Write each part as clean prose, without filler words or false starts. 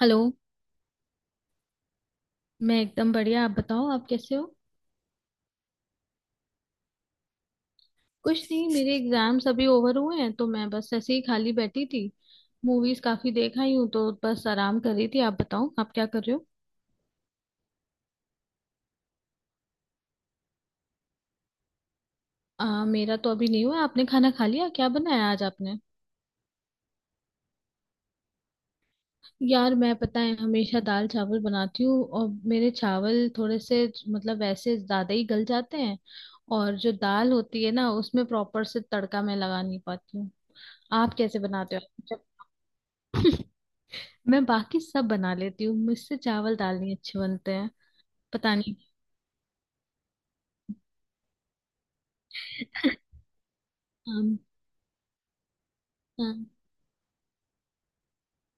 Hello. मैं एकदम बढ़िया। आप बताओ, आप कैसे हो? कुछ नहीं, मेरे एग्जाम्स अभी ओवर हुए हैं तो मैं बस ऐसे ही खाली बैठी थी। मूवीज काफी देख आई हूँ, तो बस आराम कर रही थी। आप बताओ, आप क्या कर रहे हो? मेरा तो अभी नहीं हुआ। आपने खाना खा लिया? क्या बनाया आज आपने? यार, मैं पता है हमेशा दाल चावल बनाती हूँ, और मेरे चावल थोड़े से, मतलब वैसे ज्यादा ही गल जाते हैं। और जो दाल होती है ना, उसमें प्रॉपर से तड़का मैं लगा नहीं पाती हूँ। आप कैसे बनाते हो? मैं बाकी सब बना लेती हूँ, मुझसे चावल दाल नहीं अच्छे बनते हैं। पता नहीं। आम। आम।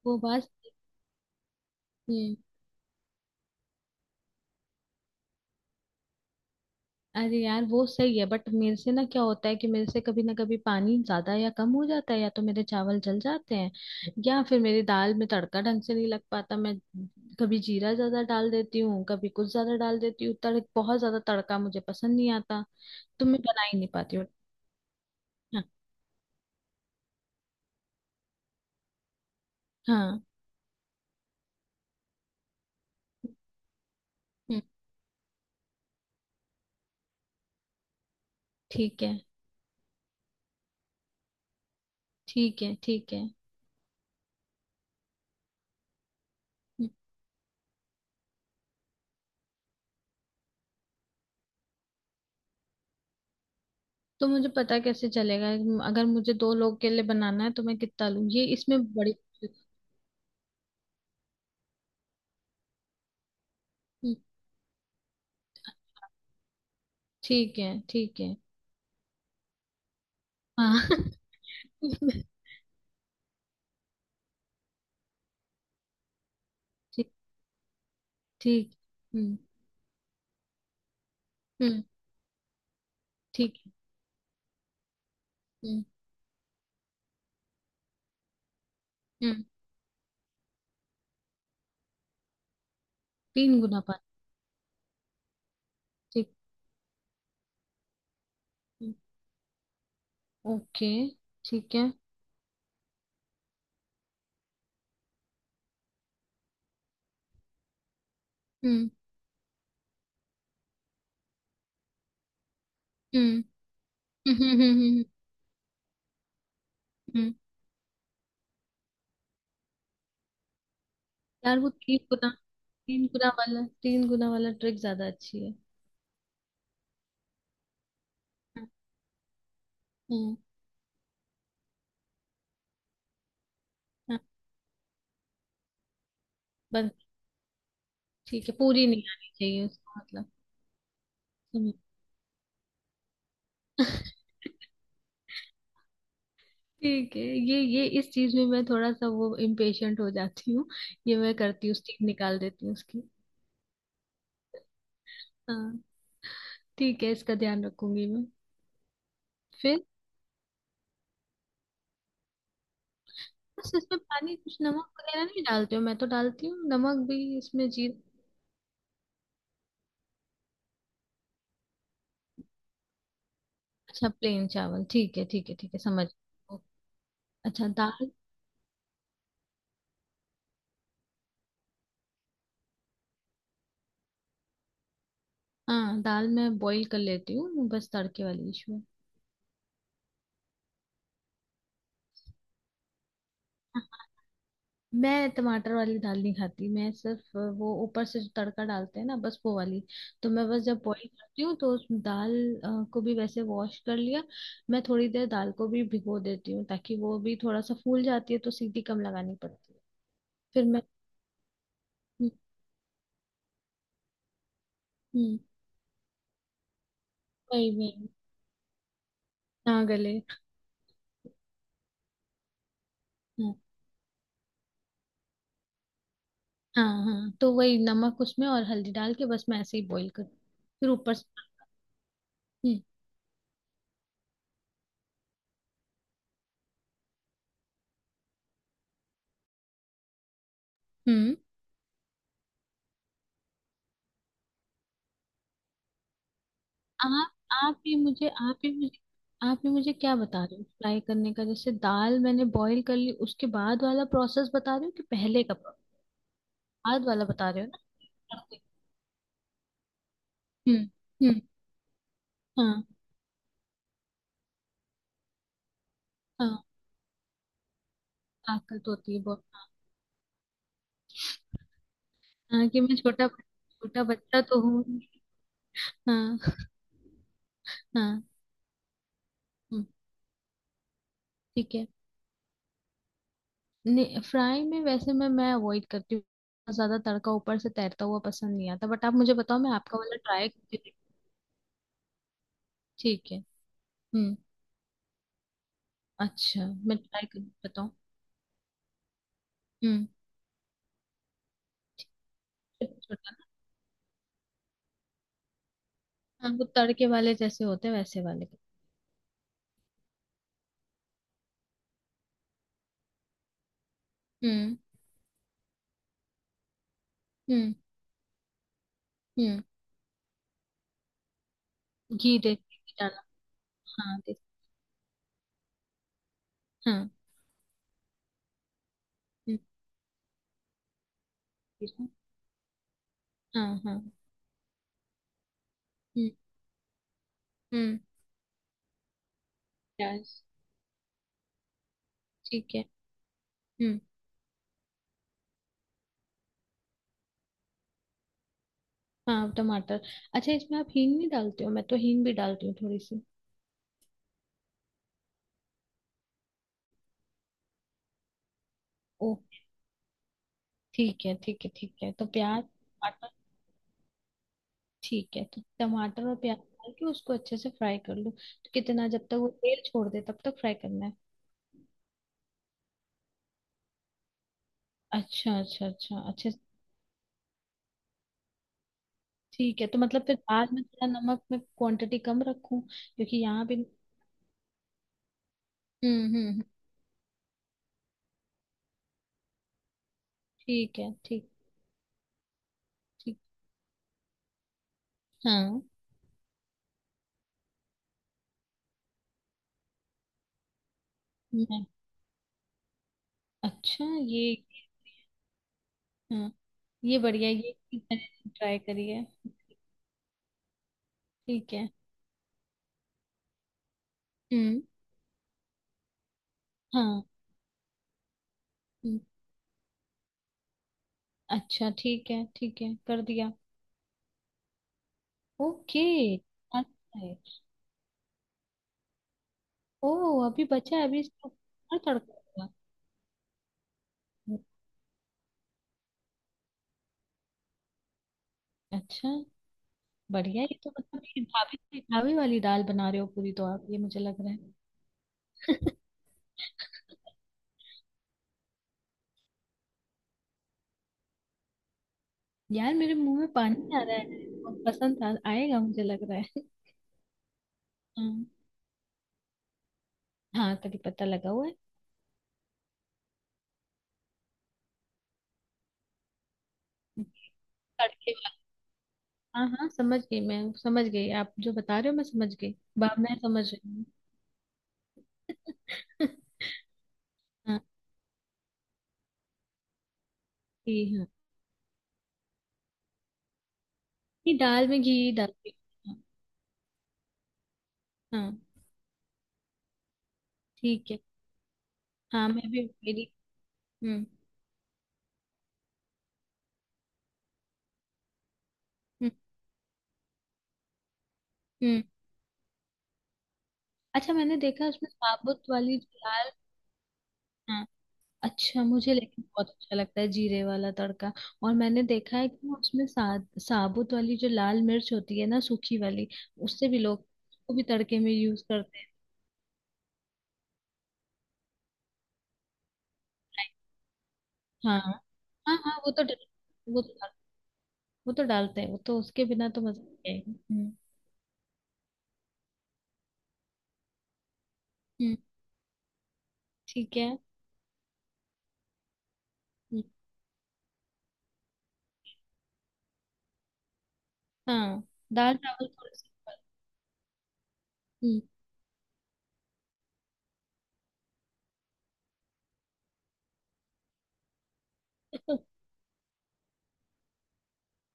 वो बात सही है। अरे यार, वो सही है, बट मेरे से ना क्या होता है कि मेरे से कभी ना कभी पानी ज्यादा या कम हो जाता है। या तो मेरे चावल जल जाते हैं, या फिर मेरी दाल में तड़का ढंग से नहीं लग पाता। मैं कभी जीरा ज्यादा डाल देती हूँ, कभी कुछ ज्यादा डाल देती हूँ। तड़ बहुत ज्यादा तड़का मुझे पसंद नहीं आता, तो मैं बना ही नहीं पाती हूँ। हाँ, हाँ। हम्म। ठीक है, ठीक है, ठीक है। तो मुझे पता कैसे चलेगा? अगर मुझे दो लोग के लिए बनाना है, तो मैं कितना लूँ, ये इसमें बड़ी। हम्म। ठीक है, ठीक है। हाँ। ठीक। ठीक। हम्म, हम्म। ठीक है। हम्म, हम्म। तीन गुना पानी? ठीक। हम्म। ओके। ठीक है। हम्म, हम्म, हम्म, हम्म, हम्म। यार, वो तीन गुना, तीन गुना वाला, तीन गुना वाला ट्रिक ज्यादा अच्छी है। हम्म, हम्म। बस। ठीक है, पूरी नहीं आनी चाहिए उसका मतलब। हम्म। ठीक है, ये इस चीज में मैं थोड़ा सा वो इम्पेशेंट हो जाती हूँ। ये मैं करती हूँ, स्टीम निकाल देती हूँ उसकी। हाँ। ठीक है, इसका ध्यान रखूंगी मैं। फिर, बस इसमें पानी कुछ नमक वगैरह नहीं डालते हो? मैं तो डालती हूँ नमक भी इसमें, जीर अच्छा, प्लेन चावल। ठीक है, ठीक है, ठीक है, समझ गई। अच्छा, दाल। हाँ, दाल मैं बॉईल कर लेती हूँ, बस तड़के वाली इशू है। मैं टमाटर वाली दाल नहीं खाती, मैं सिर्फ वो ऊपर से जो तड़का डालते हैं ना, बस वो वाली। तो मैं बस जब बॉईल करती हूँ तो उस दाल को भी वैसे वॉश कर लिया। मैं थोड़ी देर दाल को भी भिगो देती हूँ, ताकि वो भी थोड़ा सा फूल जाती है, तो सीटी कम लगानी पड़ती है। फिर मैं। हम्म, हम्म। वही, वही। ना गले। हाँ, हाँ, हाँ, तो वही नमक उसमें और हल्दी डाल के बस मैं ऐसे ही बॉईल कर, फिर ऊपर से। हम्म, हम्म। आप आप भी मुझे आप भी मुझे आप भी मुझे क्या बता रहे हो फ्राई करने का? जैसे दाल मैंने बॉईल कर ली, उसके बाद वाला प्रोसेस बता रहे हो कि पहले का प्रोसेस? बाद वाला बता रहे हो ना? हम्म, हम्म। हाँ, हाँ, ताकत होती है बहुत, हाँ। हाँ, कि मैं छोटा छोटा बच्चा तो हूँ। हाँ, हाँ। हम्म। ठीक है। नहीं, फ्राई में वैसे मैं अवॉइड करती हूँ, बहुत ज्यादा तड़का ऊपर से तैरता हुआ पसंद नहीं आता। बट आप मुझे बताओ, मैं आपका वाला ट्राई करके देखूँ। ठीक है। हम्म। अच्छा, मैं ट्राई कर बताऊँ। हम्म। छोटा छोटा। ना, हाँ, वो तड़के वाले जैसे होते हैं वैसे वाले। हम्म, हम्म, हम्म। घी देख के डाला। हाँ, देख। हाँ। हम्म। जीरा। हाँ, हाँ। हम्म, हम्म। प्याज। ठीक है। हम्म। हाँ, टमाटर। अच्छा, इसमें आप हींग नहीं डालते हो? मैं तो हींग भी डालती हूँ थोड़ी सी। ओ, ठीक है, ठीक है, ठीक है। तो प्याज टमाटर। ठीक है, तो टमाटर और प्याज डाल के उसको अच्छे से फ्राई कर लो, तो कितना, जब तक वो तेल छोड़ दे तब तक फ्राई करना है? अच्छा, अच्छा, अच्छा, अच्छे से। ठीक है, तो मतलब फिर आज मैं थोड़ा नमक में क्वांटिटी कम रखूं, क्योंकि यहाँ भी। हम्म, हम्म, हम्म। ठीक है। ठीक, ठीक। हाँ। मैं। अच्छा, ये? हाँ, ये बढ़िया, ये मैंने ट्राई करी है। ठीक है। हम्म। हाँ। हम्म। अच्छा, ठीक है, ठीक है, कर दिया। ओके। अच्छा है। ओ, अभी बचा है, अभी इसको और तड़का होगा? अच्छा, बढ़िया, ये तो मतलब ये ढाबे ढाबे वाली दाल बना रहे हो पूरी तो आप, ये मुझे लग रहा है। यार, मेरे मुंह में पानी आ रहा है। बहुत पसंद था आएगा, मुझे लग रहा है। हाँ, हाँ, करी पत्ता लगा हुआ है। तड़के वाला। हाँ, हाँ, समझ गई, मैं समझ गई, आप जो बता रहे हो मैं समझ गई, बा मैं समझ रही हूँ। हाँ। ठीक, हाँ, ये दाल में घी डालती हूँ। हाँ, हाँ। ठीक है। हाँ, मैं भी मेरी। हम्म, हम्म, हम्म। अच्छा, मैंने देखा उसमें साबुत वाली जो दाल। हाँ। अच्छा, मुझे लेकिन बहुत अच्छा लगता है जीरे वाला तड़का। और मैंने देखा है कि उसमें साबुत वाली जो लाल मिर्च होती है ना, सूखी वाली। उससे भी लोग वो भी तड़के में यूज करते हैं। हाँ, हाँ, हाँ, वो तो डाल- वो तो डालते हैं, वो तो उसके बिना तो मजा नहीं आएगा। हम्म, हम्म। ठीक है। हम्म। हाँ, दाल चावल थोड़े से। हम्म।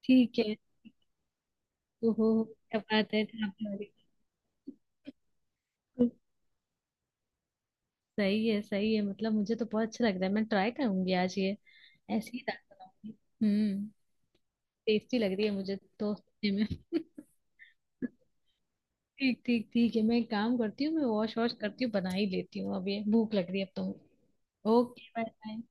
ठीक है। ओहो, क्या बात है, ढाबे वाली। सही है, सही है, मतलब मुझे तो बहुत अच्छा लग रहा है, मैं ट्राई करूंगी आज ये, ऐसी ही दाल बनाऊंगी। हम्म। टेस्टी लग रही है मुझे तो सुनने में। ठीक, ठीक, ठीक है, मैं एक काम करती हूँ, मैं वॉश वॉश करती हूँ, बना ही लेती हूँ अब, ये भूख लग रही है अब तो। Okay, bye bye.